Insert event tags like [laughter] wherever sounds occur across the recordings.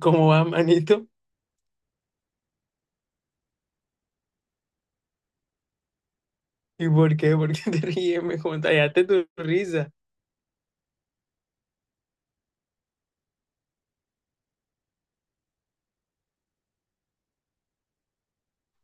¿Cómo va, manito? ¿Y por qué? ¿Por qué te ríes? Me contagiaste tu risa.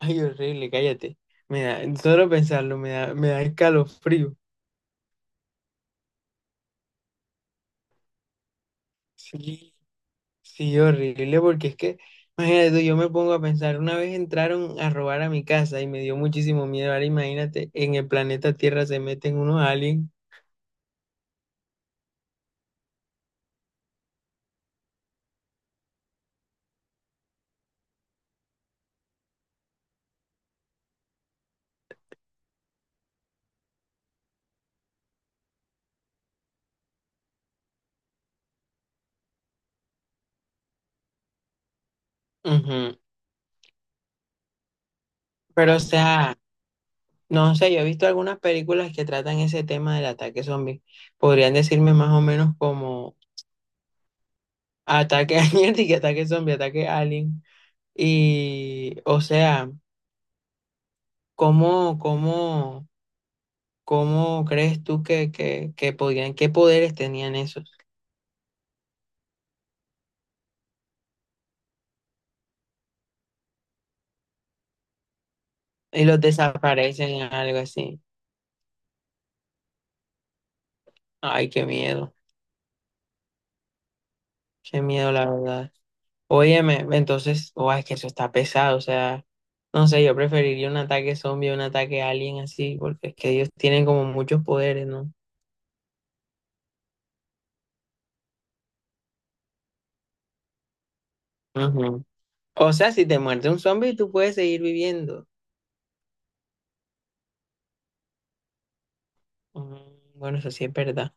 Ay, horrible, cállate. Me da, solo pensarlo, me da escalofrío. Sí, sí, horrible, porque es que, imagínate tú, yo me pongo a pensar, una vez entraron a robar a mi casa y me dio muchísimo miedo. Ahora imagínate, en el planeta Tierra se meten unos aliens. Ujú. Pero, o sea, no sé, yo he visto algunas películas que tratan ese tema del ataque zombie. Podrían decirme más o menos como ataque [laughs] alienítica, ataque zombie, ataque alien. Y, o sea, ¿cómo, cómo, cómo crees tú que podían, qué poderes tenían esos? Y los desaparecen, algo así. Ay, qué miedo, la verdad. Óyeme, entonces, oh, es que eso está pesado, o sea, no sé, yo preferiría un ataque zombie a un ataque alien así, porque es que ellos tienen como muchos poderes, ¿no? Ujú. O sea, si te muerde un zombie, tú puedes seguir viviendo. Mm, bueno, eso sí es verdad.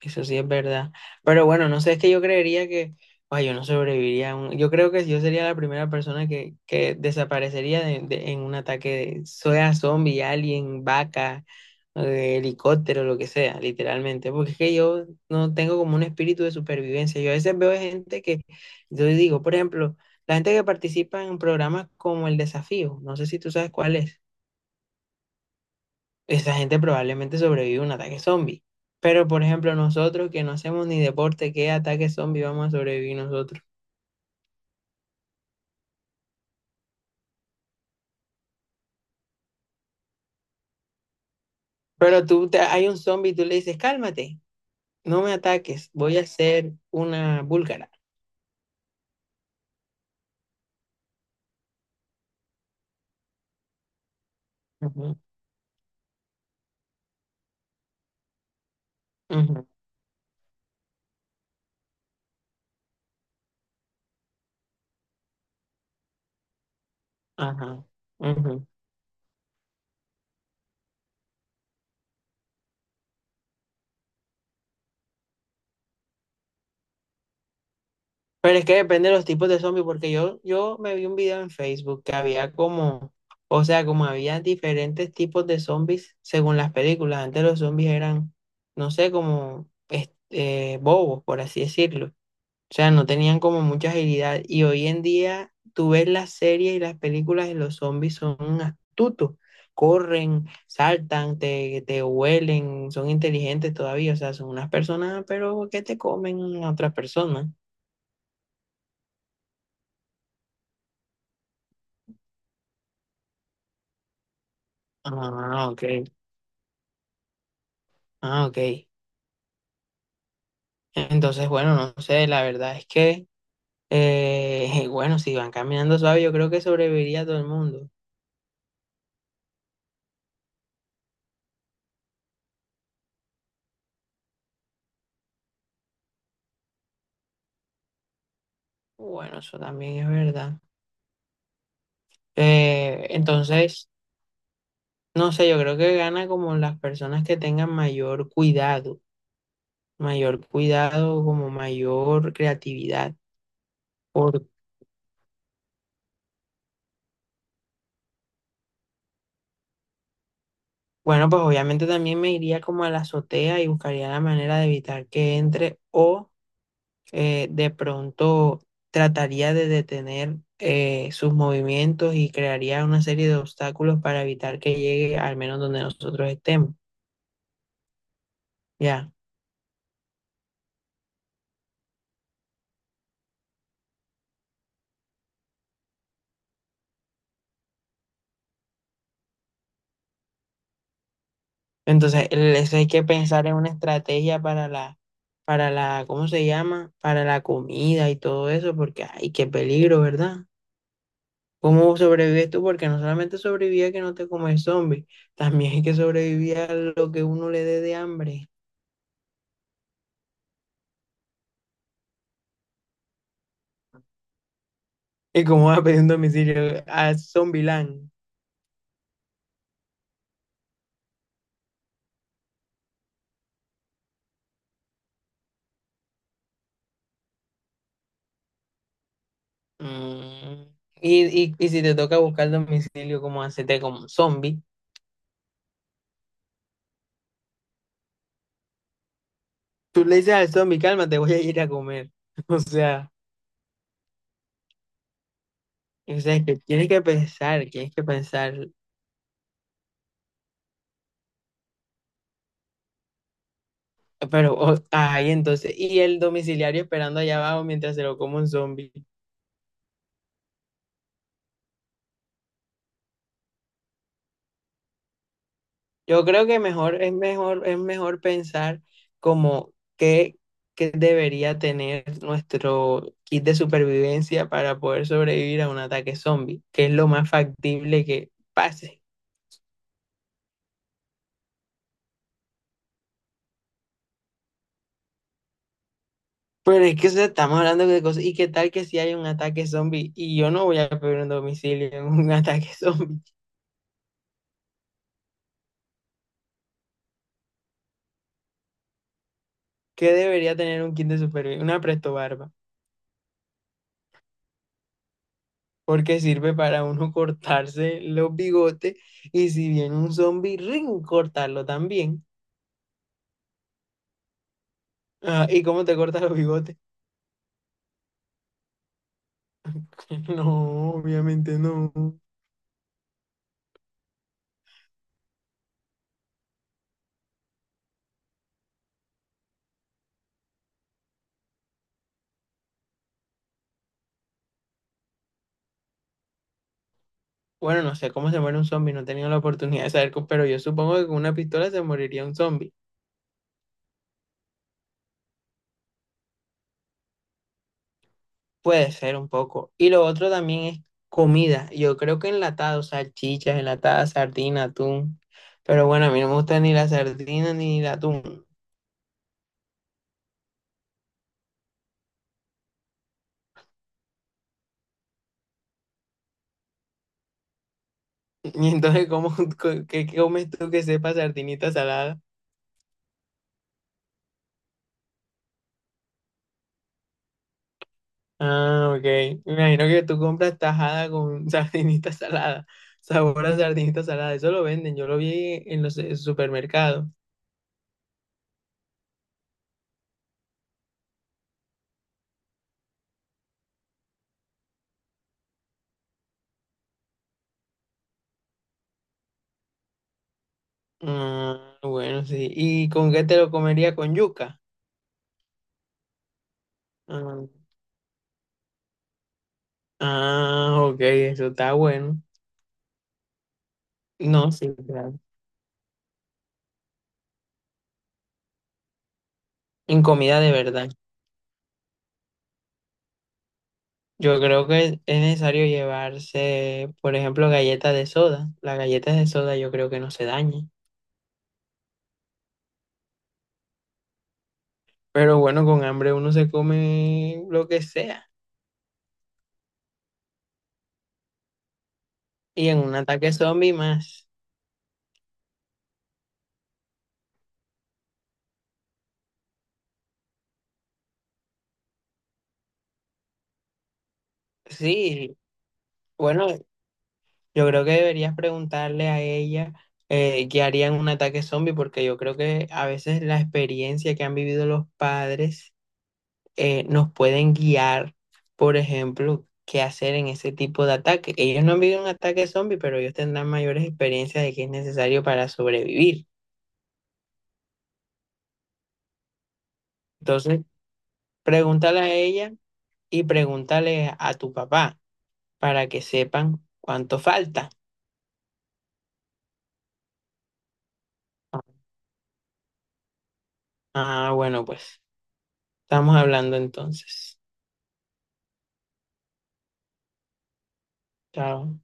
Eso sí es verdad. Pero bueno, no sé, es que yo creería que, ay, yo no sobreviviría a un- yo creo que yo sería la primera persona que desaparecería de- en un ataque de, sea zombie, alien, vaca, helicóptero, lo que sea, literalmente. Porque es que yo no tengo como un espíritu de supervivencia. Yo a veces veo gente que, yo digo, por ejemplo, la gente que participa en programas como El Desafío, no sé si tú sabes cuál es, esa gente probablemente sobrevive a un ataque zombie. Pero, por ejemplo, nosotros que no hacemos ni deporte, ¿qué ataque zombie vamos a sobrevivir nosotros? Pero tú, te- hay un zombie y tú le dices, cálmate, no me ataques, voy a ser una búlgara. Ujú, ujú, ajá, ujú. Pero es que depende de los tipos de zombies, porque yo me vi un video en Facebook que había como, o sea, como había diferentes tipos de zombies según las películas. Antes los zombies eran, no sé, como este, bobos, por así decirlo. O sea, no tenían como mucha agilidad. Y hoy en día tú ves las series y las películas de los zombies son astutos. Corren, saltan, te huelen, son inteligentes todavía. O sea, son unas personas, pero que te comen a otras personas. Ah, ok. Ah, ok. Entonces, bueno, no sé, la verdad es que, [laughs] bueno, si van caminando suave, yo creo que sobreviviría todo el mundo. Bueno, eso también es verdad. Entonces... No sé, yo creo que gana como las personas que tengan mayor cuidado, como mayor creatividad. Por, bueno, pues obviamente también me iría como a la azotea y buscaría la manera de evitar que entre o de pronto trataría de detener sus movimientos y crearía una serie de obstáculos para evitar que llegue al menos donde nosotros estemos. Ya. Entonces, el- eso hay que pensar en una estrategia para la, ¿cómo se llama? Para la comida y todo eso, porque ay, qué peligro, ¿verdad? ¿Cómo sobrevives tú? Porque no solamente sobrevivía que no te comes zombie, también hay que sobrevivir a lo que uno le dé de hambre. ¿Y cómo vas a pedir un domicilio a Zombieland? Mm. Y si te toca buscar domicilio, ¿cómo hacerte como un zombie? Tú le dices al zombie, calma, te voy a ir a comer. [laughs] O sea. O sea, que tienes que pensar, tienes que pensar. Pero, o- ay, entonces, y el domiciliario esperando allá abajo mientras se lo come un zombie. Yo creo que mejor, es mejor, es mejor pensar como qué, qué debería tener nuestro kit de supervivencia para poder sobrevivir a un ataque zombie, que es lo más factible que pase. Pero es que o sea, estamos hablando de cosas, y qué tal que si hay un ataque zombie, y yo no voy a pedir un domicilio en un [laughs] ataque zombie. ¿Qué debería tener un kit de supervivencia? Una prestobarba, porque sirve para uno [laughs] cortarse los bigotes y si viene un zombie, ring, cortarlo también. Ah, ¿y cómo te cortas los bigotes? [laughs] No, obviamente no. Bueno, no sé cómo se muere un zombie, no he tenido la oportunidad de saber, co- pero yo supongo que con una pistola se moriría un zombie. Puede ser un poco. Y lo otro también es comida. Yo creo que enlatados, salchichas, enlatadas, sardina, atún. Pero bueno, a mí no me gusta ni la sardina ni el atún. [laughs] Y entonces, ¿cómo, [laughs] co- qué comes tú que sepa sardinita salada? Ah, ok. Me imagino que tú compras tajada con [laughs] sardinita salada. Sabor a sardinita salada. Eso lo venden. Yo lo vi en los supermercados. Ah, bueno, sí. ¿Y con qué te lo comería? ¿Con yuca? Ah, ah, ok. Eso está bueno. No, sí, claro. En comida de verdad. Yo creo que es necesario llevarse, por ejemplo, galletas de soda. Las galletas de soda yo creo que no se dañen. Pero bueno, con hambre uno se come lo que sea. Y en un ataque zombie más. Sí, bueno, yo creo que deberías preguntarle a ella qué haría en un ataque zombie, porque yo creo que a veces la experiencia que han vivido los padres nos pueden guiar, por ejemplo, qué hacer en ese tipo de ataque. Ellos no han vivido un ataque zombie, pero ellos tendrán mayores experiencias de qué es necesario para sobrevivir. Entonces, pregúntale a ella y pregúntale a tu papá, para que sepan cuánto falta. Ah, bueno, pues estamos hablando entonces. Chao.